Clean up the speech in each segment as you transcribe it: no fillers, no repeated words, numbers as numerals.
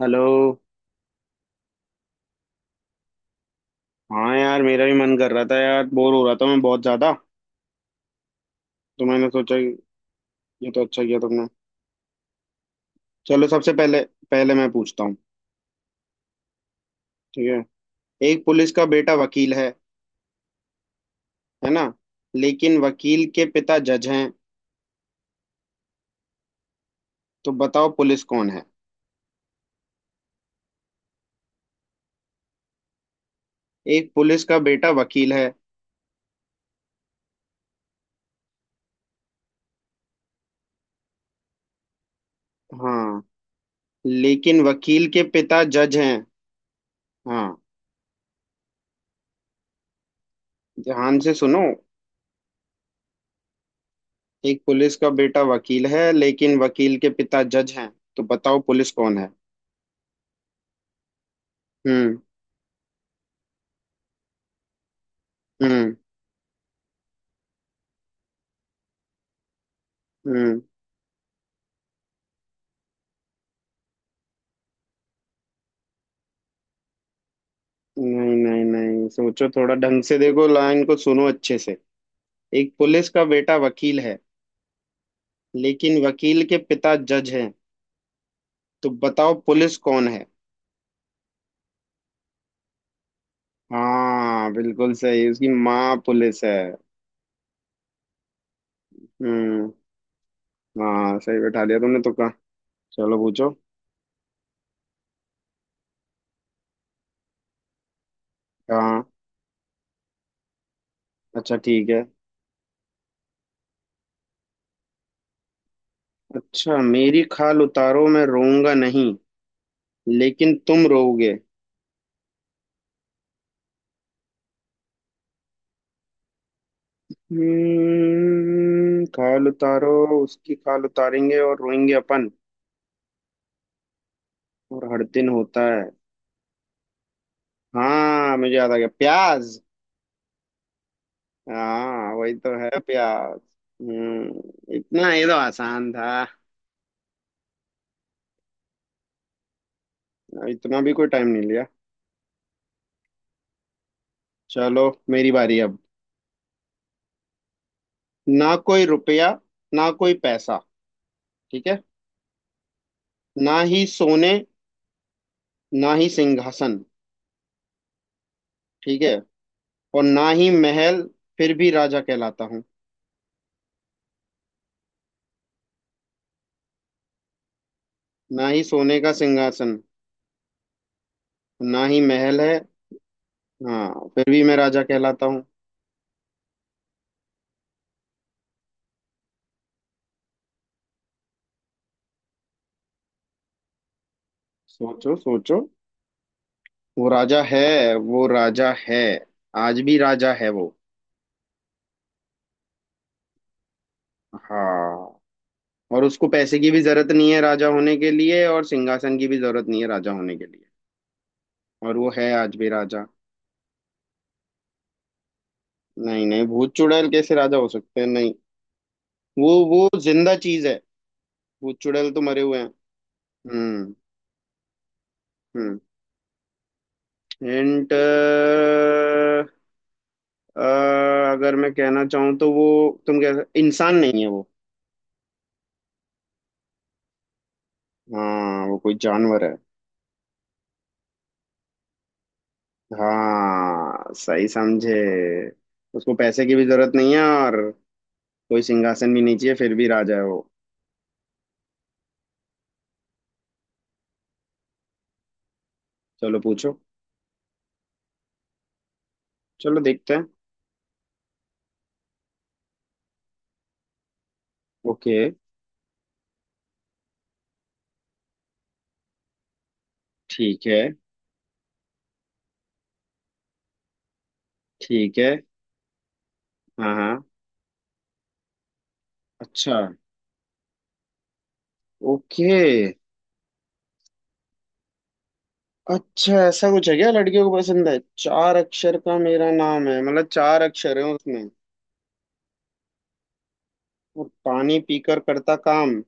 Hello. हाँ यार, मेरा भी मन कर रहा था यार, बोर हो रहा था मैं बहुत ज्यादा। तो मैंने सोचा ये। तो अच्छा किया तुमने। चलो सबसे पहले, पहले मैं पूछता हूँ। ठीक है। एक पुलिस का बेटा वकील है ना? लेकिन वकील के पिता जज हैं। तो बताओ पुलिस कौन है? एक पुलिस का बेटा वकील है। हाँ। लेकिन वकील के पिता जज हैं। हाँ। ध्यान से सुनो। एक पुलिस का बेटा वकील है लेकिन वकील के पिता जज हैं। तो बताओ पुलिस कौन है? हम्म। हम्म। हम्म। नहीं, नहीं, नहीं, सोचो थोड़ा ढंग से, देखो लाइन को सुनो अच्छे से। एक पुलिस का बेटा वकील है लेकिन वकील के पिता जज हैं। तो बताओ पुलिस कौन है? हाँ बिल्कुल सही, उसकी माँ पुलिस है। हम्म। हाँ सही बैठा दिया तुमने, तो कहा। चलो पूछो। हाँ। अच्छा, ठीक है। अच्छा, मेरी खाल उतारो मैं रोऊंगा नहीं, लेकिन तुम रोओगे। हम्म, खाल उतारो। उसकी खाल उतारेंगे और रोएंगे अपन। और हर दिन होता है। हाँ मुझे याद आ गया, प्याज। हाँ वही तो है, प्याज। हम्म, इतना ये तो आसान था। इतना भी कोई टाइम नहीं लिया। चलो मेरी बारी अब। ना कोई रुपया, ना कोई पैसा। ठीक है। ना ही सोने, ना ही सिंहासन। ठीक है। और ना ही महल, फिर भी राजा कहलाता हूँ। ना ही सोने का सिंहासन, ना ही महल है। हाँ फिर भी मैं राजा कहलाता हूँ। सोचो, सोचो। वो राजा है, वो राजा है। आज भी राजा है वो। हाँ। और उसको पैसे की भी जरूरत नहीं है राजा होने के लिए, और सिंहासन की भी जरूरत नहीं है राजा होने के लिए। और वो है आज भी राजा। नहीं, नहीं, भूत चुड़ैल कैसे राजा हो सकते हैं, नहीं। वो जिंदा चीज है। भूत चुड़ैल तो मरे हुए हैं। हम्म। हम्म। हिंट। अगर मैं कहना चाहूँ तो वो, तुम कह, इंसान नहीं है वो। हाँ वो कोई जानवर है। हाँ सही समझे। उसको पैसे की भी जरूरत नहीं है और कोई सिंहासन भी नहीं चाहिए, फिर भी राजा है वो। चलो पूछो। चलो देखते हैं। ओके। ठीक है। ठीक है। हाँ, हाँ। अच्छा। ओके। अच्छा, ऐसा कुछ है क्या लड़कियों को पसंद है? चार अक्षर का मेरा नाम है, मतलब चार अक्षर है उसमें। और पानी पीकर करता काम।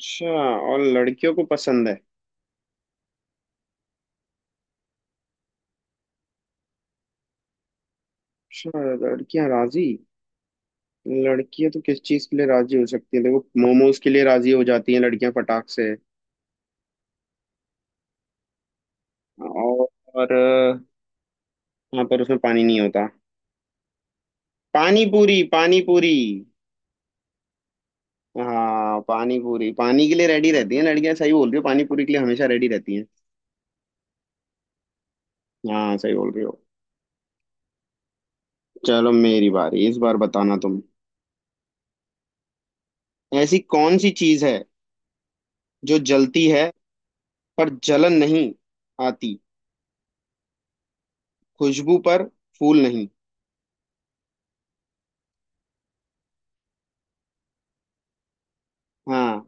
अच्छा। और लड़कियों को पसंद है। अच्छा, लड़कियां राजी। लड़कियां तो किस चीज के लिए राजी हो सकती हैं? देखो, मोमोज के लिए राजी हो जाती हैं लड़कियां फटाक से। और, और। हाँ, पर उसमें पानी नहीं होता। पानी पूरी, पानी पूरी। हाँ, पानी पूरी पानी के लिए रेडी रहती हैं लड़कियां, सही बोल रही हो, पानी पूरी के लिए हमेशा रेडी रहती हैं। हाँ सही बोल रही हो। चलो मेरी बारी, इस बार बताना तुम। ऐसी कौन सी चीज है जो जलती है पर जलन नहीं आती, खुशबू पर फूल नहीं? हाँ।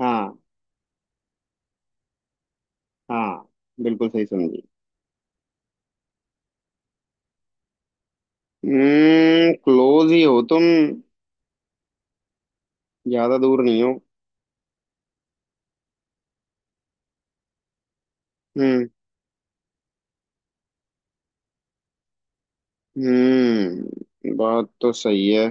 हाँ। हाँ बिल्कुल सही समझी। हम्म, क्लोज ही हो तुम, ज्यादा दूर नहीं हो। हम्म। हम्म, बात तो सही है।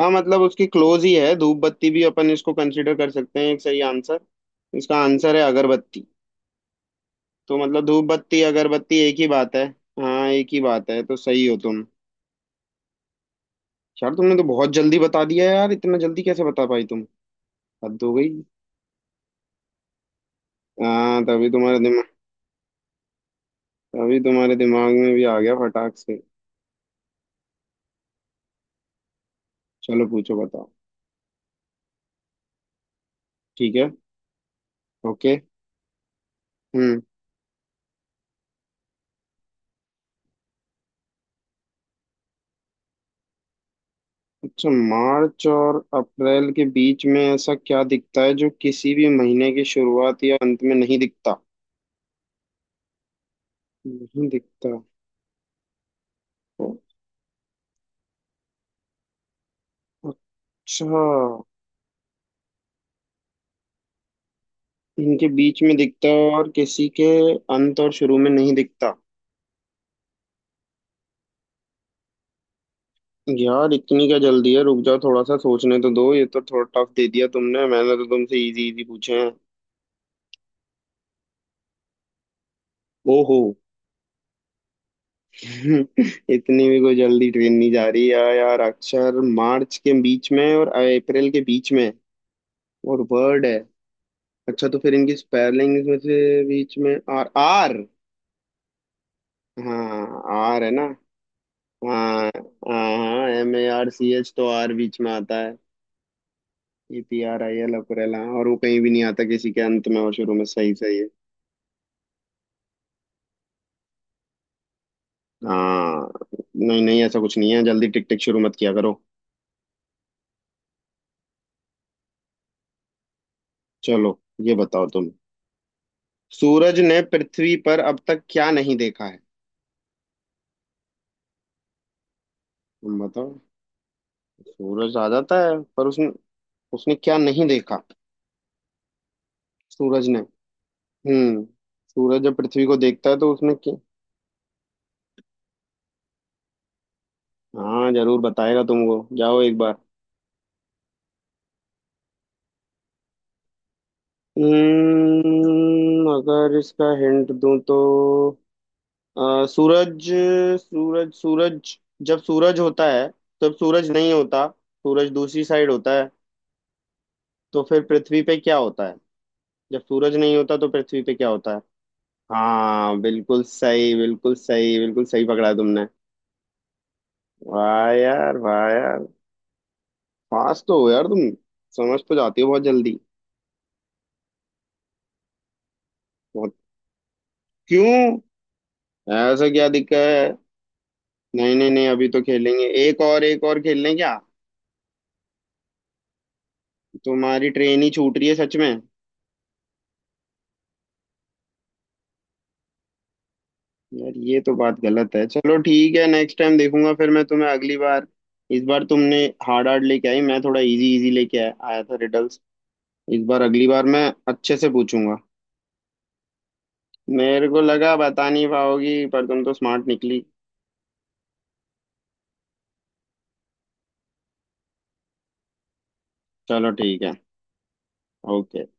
हाँ मतलब उसकी क्लोज ही है, धूप बत्ती भी अपन इसको कंसीडर कर सकते हैं एक सही आंसर। इसका आंसर है अगरबत्ती। तो मतलब धूप बत्ती अगरबत्ती एक ही बात है। हाँ एक ही बात है, तो सही हो तुम। यार तुमने तो बहुत जल्दी बता दिया यार, इतना जल्दी कैसे बता पाई तुम? हद हो गई। हाँ, तभी तुम्हारे दिमाग में भी आ गया फटाक से। चलो पूछो, बताओ। ठीक है। ओके। हम्म। अच्छा, मार्च और अप्रैल के बीच में ऐसा क्या दिखता है जो किसी भी महीने की शुरुआत या अंत में नहीं दिखता? नहीं दिखता। ओ, अच्छा। इनके बीच में दिखता है और किसी के अंत और शुरू में नहीं दिखता। यार इतनी क्या जल्दी है, रुक जाओ, थोड़ा सा सोचने तो दो, ये तो थोड़ा टफ दे दिया तुमने, मैंने तो तुमसे इजी इजी पूछे हैं। ओहो। इतनी भी कोई जल्दी ट्रेन नहीं जा रही यार, यार अक्षर, मार्च के बीच में और अप्रैल के बीच में और वर्ड है। अच्छा, तो फिर इनकी स्पेलिंग में से, बीच में आर, आर। हाँ, आर है ना। हाँ, हाँ, MARCH, तो आर बीच में आता है। APRIL अकुरेला, और वो कहीं भी नहीं आता किसी के अंत में और शुरू में, सही, सही है। हाँ। नहीं, नहीं, ऐसा कुछ नहीं है, जल्दी टिक टिक शुरू मत किया करो। चलो, ये बताओ तुम। सूरज ने पृथ्वी पर अब तक क्या नहीं देखा है? तुम बताओ। सूरज आ जाता है, पर उसने उसने क्या नहीं देखा? सूरज ने। हम्म। सूरज जब पृथ्वी को देखता है तो उसमें क्या? हाँ, जरूर बताएगा तुमको, जाओ एक बार। हम्म, अगर इसका हिंट दूं तो सूरज सूरज सूरज। जब सूरज होता है तब सूरज नहीं होता। सूरज दूसरी साइड होता है। तो फिर पृथ्वी पे क्या होता है? जब सूरज नहीं होता तो पृथ्वी पे क्या होता है? हाँ, बिल्कुल सही, बिल्कुल सही, बिल्कुल सही पकड़ा तुमने। वाह यार, वाह यार, फास्ट तो हो यार तुम। समझ तो जाती हो बहुत जल्दी। बहुत। क्यों? ऐसा क्या दिक्कत है? नहीं, नहीं, नहीं, अभी तो खेलेंगे, एक और, एक और खेल लें क्या? तुम्हारी ट्रेन ही छूट रही है सच में। यार ये तो बात गलत है, चलो ठीक है, नेक्स्ट टाइम देखूंगा फिर मैं तुम्हें अगली बार। इस बार तुमने हार्ड हार्ड लेके आई, मैं थोड़ा इजी इजी लेके आया आया था रिडल्स। इस बार, अगली बार मैं अच्छे से पूछूंगा। मेरे को लगा बता नहीं पाओगी, पर तुम तो स्मार्ट निकली। चलो ठीक है, ओके।